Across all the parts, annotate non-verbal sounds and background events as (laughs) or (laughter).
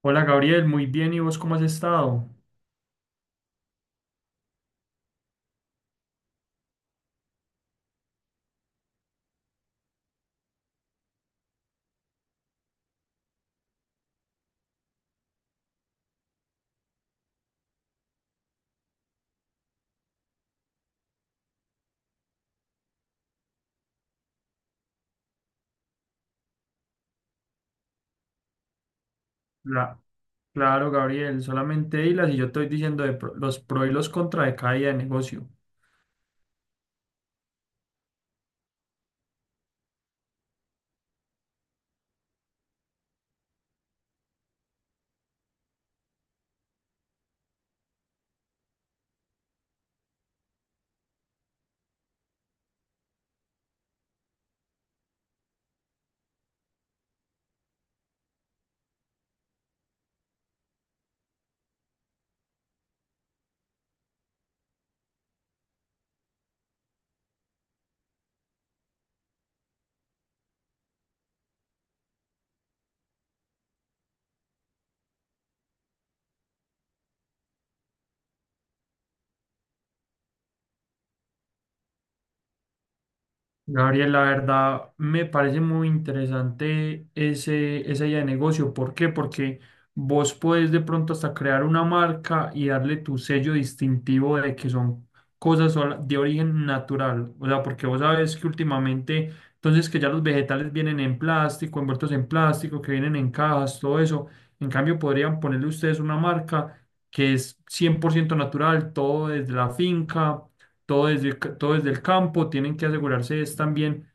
Hola Gabriel, muy bien, ¿y vos cómo has estado? La- claro, Gabriel, solamente hilas y yo estoy diciendo los pro y los contra de cada idea de negocio. Gabriel, la verdad me parece muy interesante esa idea de negocio. ¿Por qué? Porque vos puedes de pronto hasta crear una marca y darle tu sello distintivo de que son cosas de origen natural. O sea, porque vos sabes que últimamente, entonces que ya los vegetales vienen en plástico, envueltos en plástico, que vienen en cajas, todo eso. En cambio, podrían ponerle ustedes una marca que es 100% natural, todo desde la finca, todo desde el campo. Tienen que asegurarse es también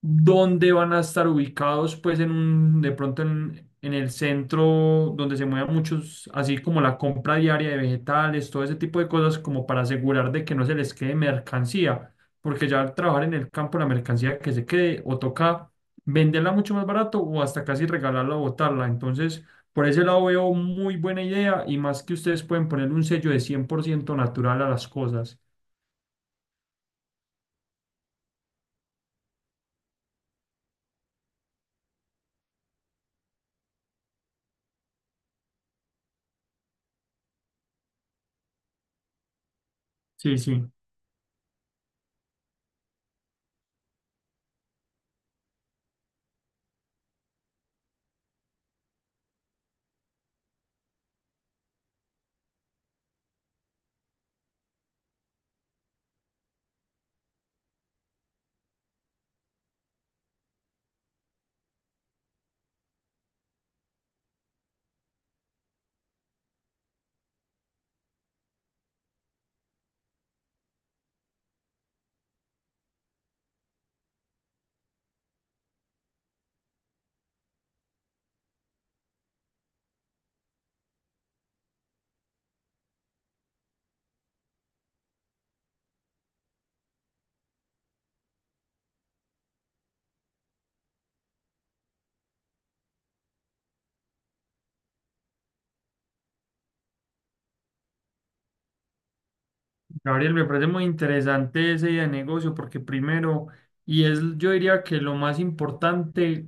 dónde van a estar ubicados, pues de pronto en el centro donde se muevan muchos, así como la compra diaria de vegetales, todo ese tipo de cosas, como para asegurar de que no se les quede mercancía, porque ya al trabajar en el campo la mercancía que se quede o toca venderla mucho más barato o hasta casi regalarla o botarla. Entonces, por ese lado veo muy buena idea y más que ustedes pueden poner un sello de 100% natural a las cosas. Sí, sí. Gabriel, me parece muy interesante esa idea de negocio porque, primero, y es yo diría que lo más importante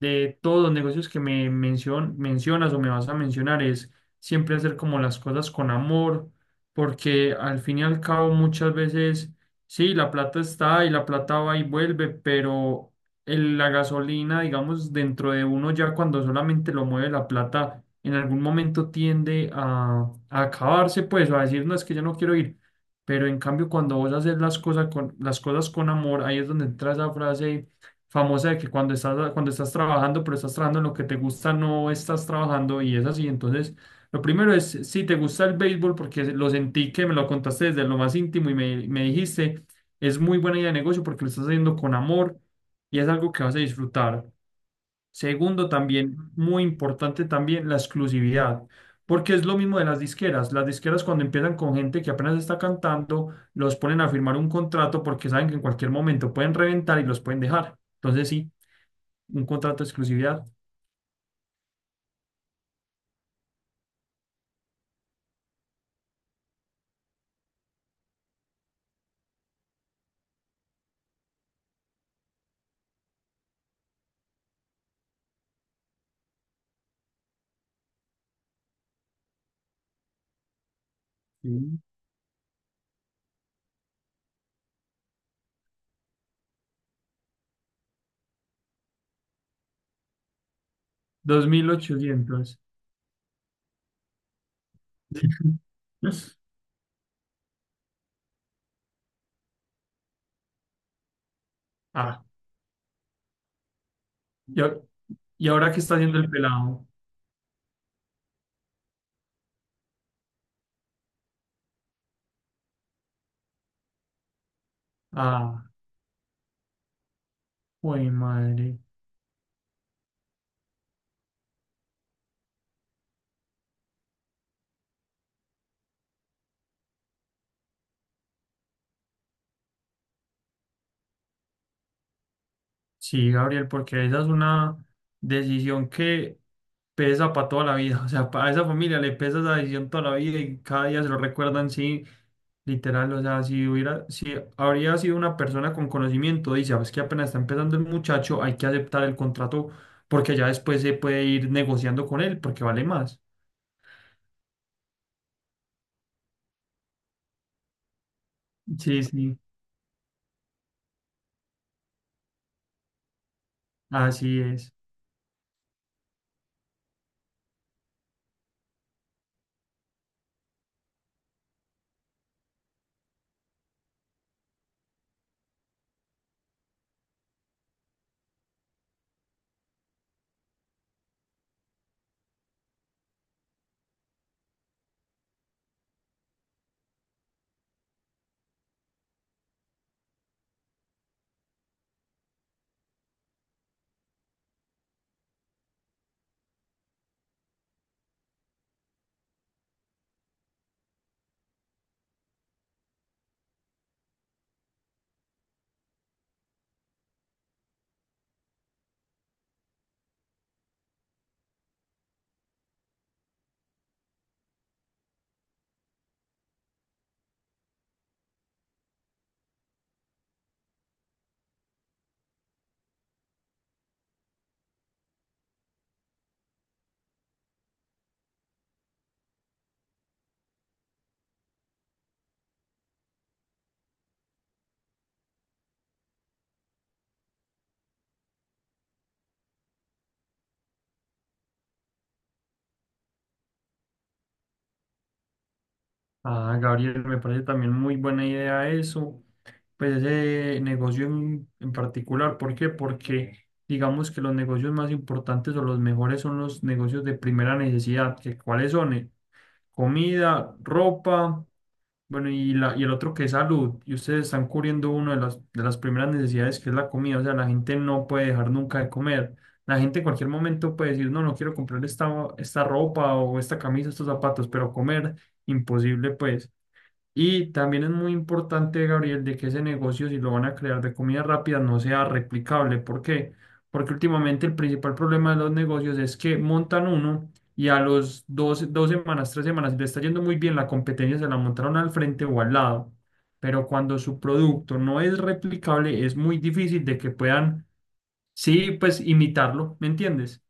de todos los negocios que mencionas o me vas a mencionar, es siempre hacer como las cosas con amor, porque al fin y al cabo muchas veces, sí, la plata está y la plata va y vuelve, pero la gasolina, digamos, dentro de uno ya cuando solamente lo mueve la plata, en algún momento tiende a acabarse, pues, o a decir, no, es que yo no quiero ir. Pero en cambio, cuando vos haces las cosas con amor, ahí es donde entra esa frase famosa de que cuando estás trabajando, pero estás trabajando en lo que te gusta, no estás trabajando, y es así. Entonces, lo primero es si te gusta el béisbol, porque lo sentí que me lo contaste desde lo más íntimo y me dijiste, es muy buena idea de negocio porque lo estás haciendo con amor y es algo que vas a disfrutar. Segundo, también muy importante también la exclusividad, porque es lo mismo de las disqueras. Las disqueras, cuando empiezan con gente que apenas está cantando, los ponen a firmar un contrato porque saben que en cualquier momento pueden reventar y los pueden dejar. Entonces, sí, un contrato de exclusividad. Sí. 2.800. (laughs) Ah, y, a- y ahora qué está haciendo el pelado. Ah, uy, madre. Sí, Gabriel, porque esa es una decisión que pesa para toda la vida. O sea, para esa familia le pesa esa decisión toda la vida y cada día se lo recuerdan, sí, literal. O sea, si habría sido una persona con conocimiento, dice: "Ah, es que apenas está empezando el muchacho, hay que aceptar el contrato porque ya después se puede ir negociando con él porque vale más". Sí, sí, así es. Ah, Gabriel, me parece también muy buena idea eso, pues ese negocio en particular. ¿Por qué? Porque digamos que los negocios más importantes o los mejores son los negocios de primera necesidad, que cuáles son. Comida, ropa, bueno, y el otro que es salud. Y ustedes están cubriendo una de las primeras necesidades que es la comida. O sea, la gente no puede dejar nunca de comer. La gente en cualquier momento puede decir, no, no quiero comprar esta ropa o esta camisa, estos zapatos, pero comer, imposible, pues. Y también es muy importante, Gabriel, de que ese negocio, si lo van a crear de comida rápida, no sea replicable. ¿Por qué? Porque últimamente el principal problema de los negocios es que montan uno y a los dos, 2 semanas, 3 semanas, si le está yendo muy bien, la competencia se la montaron al frente o al lado. Pero cuando su producto no es replicable, es muy difícil de que puedan, sí, pues, imitarlo, ¿me entiendes?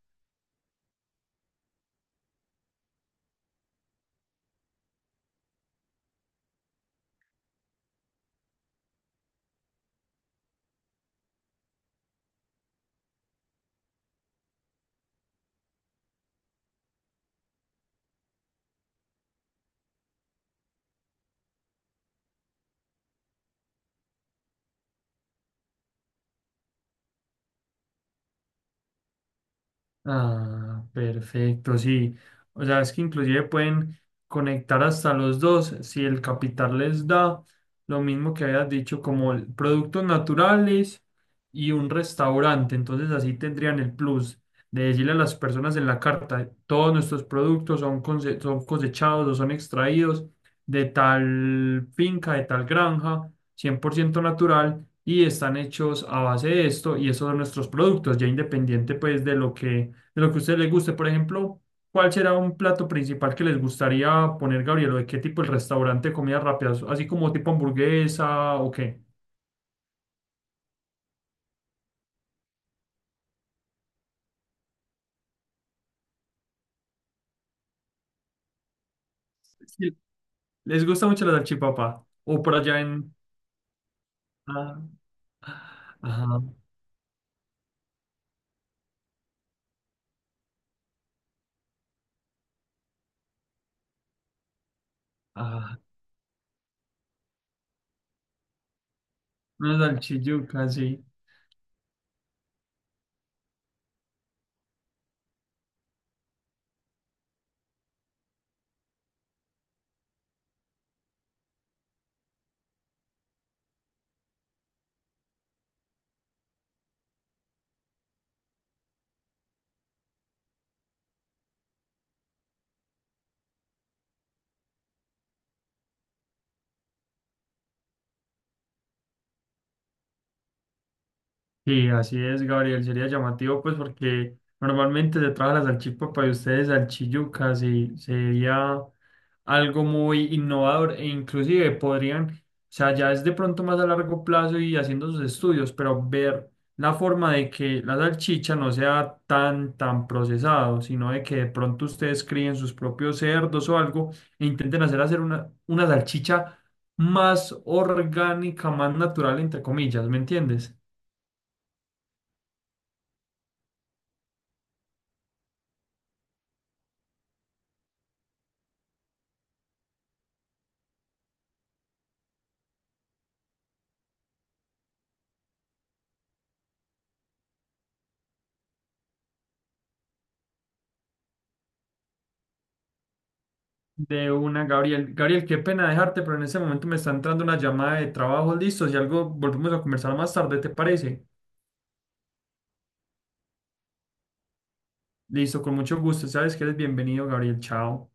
Ah, perfecto, sí. O sea, es que inclusive pueden conectar hasta los dos si el capital les da lo mismo que habías dicho, como productos naturales y un restaurante. Entonces, así tendrían el plus de decirle a las personas en la carta, todos nuestros productos son, son cosechados o son extraídos de tal finca, de tal granja, 100% natural. Y están hechos a base de esto, y esos son nuestros productos, ya independiente, pues, de lo que a ustedes les guste. Por ejemplo, ¿cuál será un plato principal que les gustaría poner, Gabriel? ¿O de qué tipo el restaurante de comida rápida? Así como tipo hamburguesa o qué. Sí. ¿Les gusta mucho la salchipapa? O por allá en... Ah, ajá, ajá, una salchiyuca, sí. Sí, así es, Gabriel. Sería llamativo, pues, porque normalmente se trabaja la salchipapa y ustedes salchiyucas, y sería algo muy innovador e inclusive podrían, o sea, ya es de pronto más a largo plazo y haciendo sus estudios, pero ver la forma de que la salchicha no sea tan, tan procesado, sino de que de pronto ustedes críen sus propios cerdos o algo e intenten hacer una salchicha más orgánica, más natural, entre comillas, ¿me entiendes? De una, Gabriel. Gabriel, qué pena dejarte, pero en este momento me está entrando una llamada de trabajo, listo. Si algo, volvemos a conversar más tarde, ¿te parece? Listo, con mucho gusto. Sabes que eres bienvenido, Gabriel. Chao.